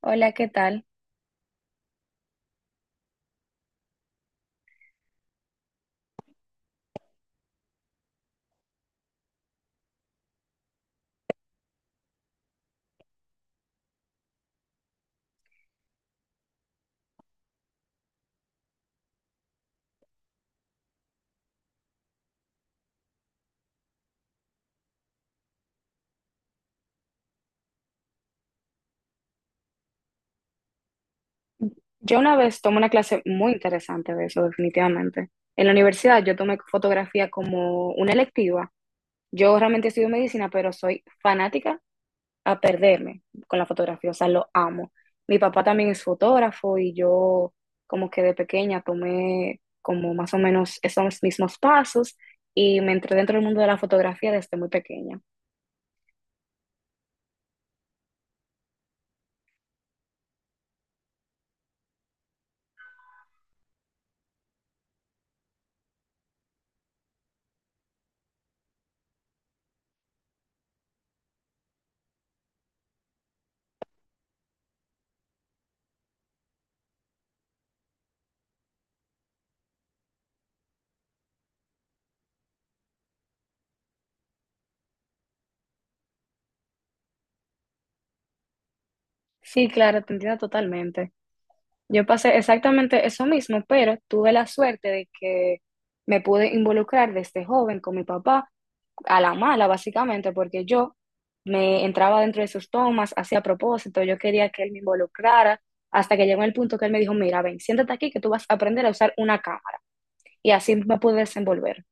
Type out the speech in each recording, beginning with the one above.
Hola, ¿qué tal? Yo una vez tomé una clase muy interesante de eso, definitivamente. En la universidad yo tomé fotografía como una electiva. Yo realmente estudio medicina, pero soy fanática a perderme con la fotografía, o sea, lo amo. Mi papá también es fotógrafo y yo como que de pequeña tomé como más o menos esos mismos pasos y me entré dentro del mundo de la fotografía desde muy pequeña. Sí, claro, te entiendo totalmente. Yo pasé exactamente eso mismo, pero tuve la suerte de que me pude involucrar desde joven con mi papá, a la mala básicamente, porque yo me entraba dentro de sus tomas, hacía propósito, yo quería que él me involucrara, hasta que llegó el punto que él me dijo, mira, ven, siéntate aquí que tú vas a aprender a usar una cámara. Y así me pude desenvolver.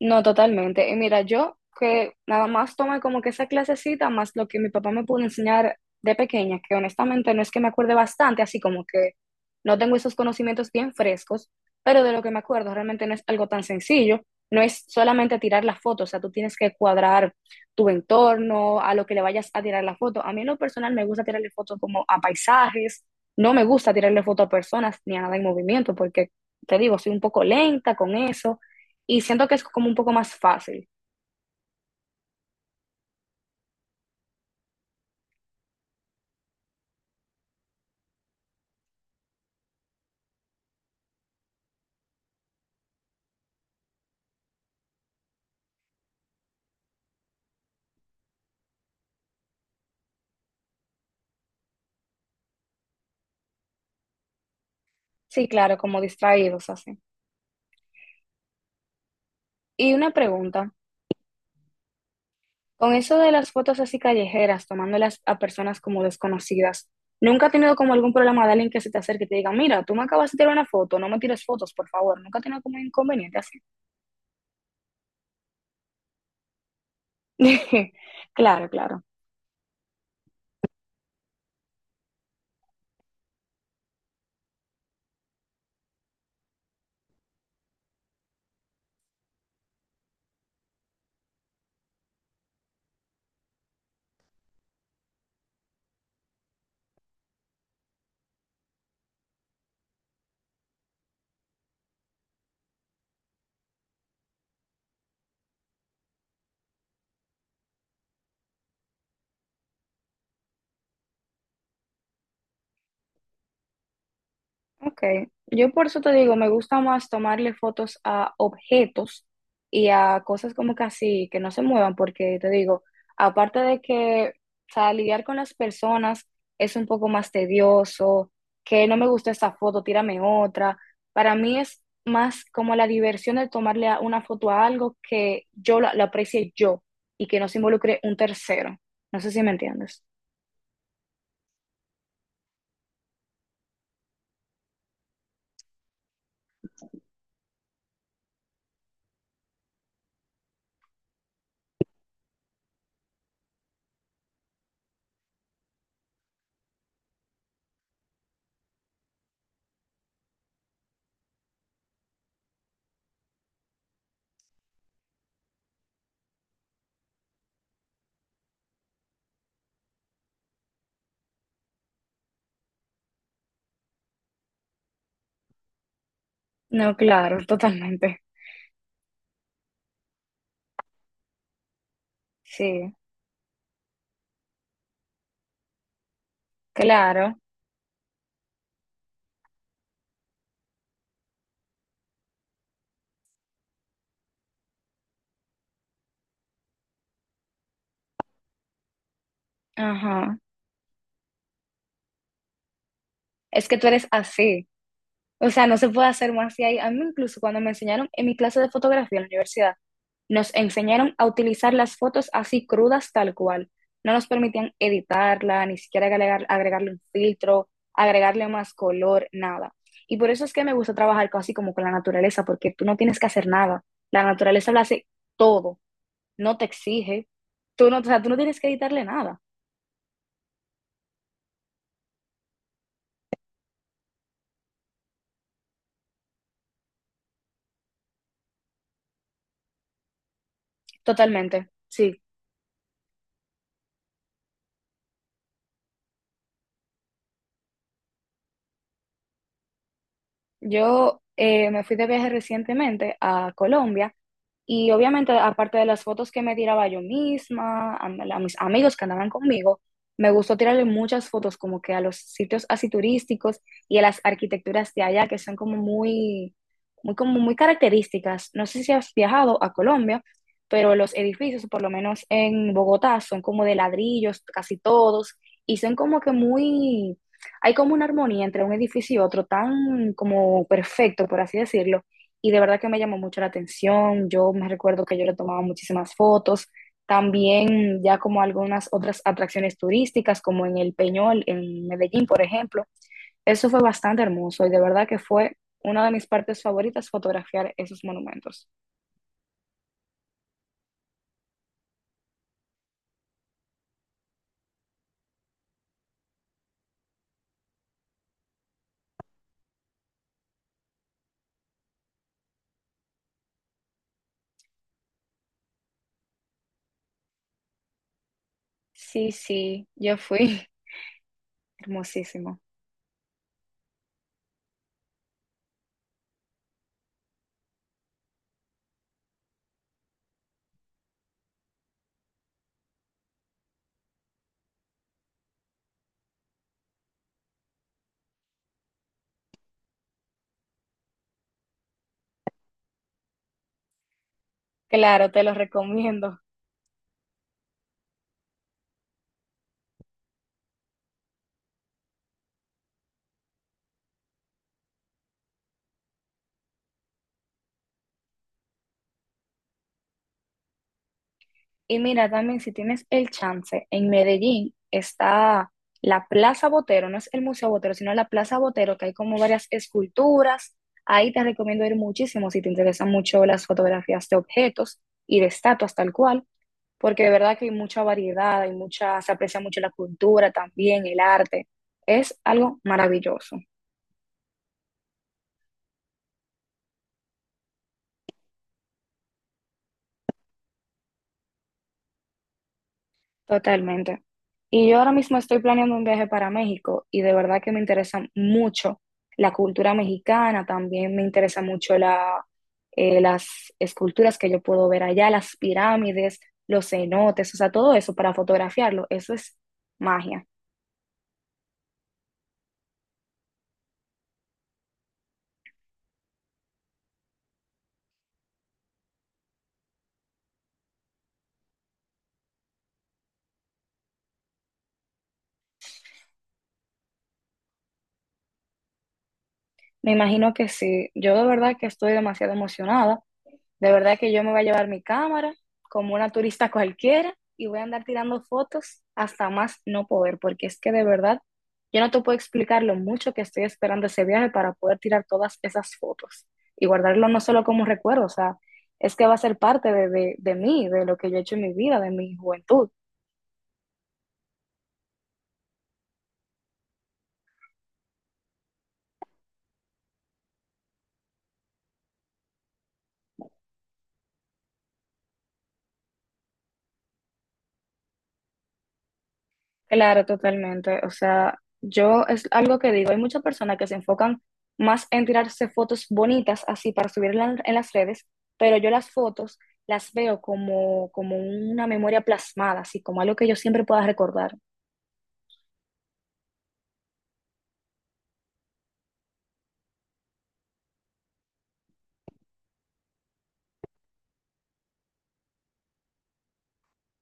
No, totalmente. Y mira, yo que nada más tomé como que esa clasecita, más lo que mi papá me pudo enseñar de pequeña, que honestamente no es que me acuerde bastante, así como que no tengo esos conocimientos bien frescos, pero de lo que me acuerdo realmente no es algo tan sencillo. No es solamente tirar la foto, o sea, tú tienes que cuadrar tu entorno, a lo que le vayas a tirar la foto. A mí en lo personal me gusta tirarle fotos como a paisajes, no me gusta tirarle foto a personas ni a nada en movimiento, porque te digo, soy un poco lenta con eso. Y siento que es como un poco más fácil. Sí, claro, como distraídos así. Y una pregunta, con eso de las fotos así callejeras, tomándolas a personas como desconocidas, ¿nunca has tenido como algún problema de alguien que se te acerque y te diga, mira, tú me acabas de tirar una foto, no me tires fotos, por favor? ¿Nunca has tenido como un inconveniente así? Claro, claro. Ok, yo por eso te digo, me gusta más tomarle fotos a objetos y a cosas como que así, que no se muevan, porque te digo, aparte de que, o sea, lidiar con las personas es un poco más tedioso, que no me gusta esta foto, tírame otra. Para mí es más como la diversión de tomarle a- una foto a algo que yo la aprecie yo y que no se involucre un tercero. No sé si me entiendes. No, claro, totalmente. Sí, claro. Ajá. Es que tú eres así. O sea, no se puede hacer más de ahí. A mí incluso cuando me enseñaron en mi clase de fotografía en la universidad, nos enseñaron a utilizar las fotos así crudas tal cual. No nos permitían editarla, ni siquiera agregar, agregarle un filtro, agregarle más color, nada. Y por eso es que me gusta trabajar casi como con la naturaleza, porque tú no tienes que hacer nada. La naturaleza lo hace todo, no te exige. Tú no, o sea, tú no tienes que editarle nada. Totalmente, sí. Yo me fui de viaje recientemente a Colombia y obviamente aparte de las fotos que me tiraba yo misma, a mis amigos que andaban conmigo, me gustó tirarle muchas fotos como que a los sitios así turísticos y a las arquitecturas de allá que son como muy, muy, como muy características. No sé si has viajado a Colombia, pero los edificios, por lo menos en Bogotá, son como de ladrillos casi todos y son como que muy hay como una armonía entre un edificio y otro tan como perfecto, por así decirlo, y de verdad que me llamó mucho la atención. Yo me recuerdo que yo le tomaba muchísimas fotos, también ya como algunas otras atracciones turísticas, como en el Peñol, en Medellín, por ejemplo. Eso fue bastante hermoso y de verdad que fue una de mis partes favoritas fotografiar esos monumentos. Sí, sí, yo fui hermosísimo. Claro, te los recomiendo. Y mira, también si tienes el chance, en Medellín está la Plaza Botero, no es el Museo Botero, sino la Plaza Botero, que hay como varias esculturas. Ahí te recomiendo ir muchísimo si te interesan mucho las fotografías de objetos y de estatuas tal cual, porque de verdad que hay mucha variedad, hay mucha, se aprecia mucho la cultura también, el arte. Es algo maravilloso. Totalmente. Y yo ahora mismo estoy planeando un viaje para México y de verdad que me interesa mucho la cultura mexicana, también me interesa mucho la, las esculturas que yo puedo ver allá, las pirámides, los cenotes, o sea, todo eso para fotografiarlo, eso es magia. Me imagino que sí, yo de verdad que estoy demasiado emocionada. De verdad que yo me voy a llevar mi cámara como una turista cualquiera y voy a andar tirando fotos hasta más no poder, porque es que de verdad yo no te puedo explicar lo mucho que estoy esperando ese viaje para poder tirar todas esas fotos y guardarlo no solo como recuerdo, o sea, es que va a ser parte de mí, de lo que yo he hecho en mi vida, de mi juventud. Claro, totalmente. O sea, yo es algo que digo, hay muchas personas que se enfocan más en tirarse fotos bonitas así para subirlas en las redes, pero yo las fotos las veo como, como una memoria plasmada, así como algo que yo siempre pueda recordar.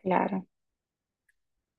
Claro.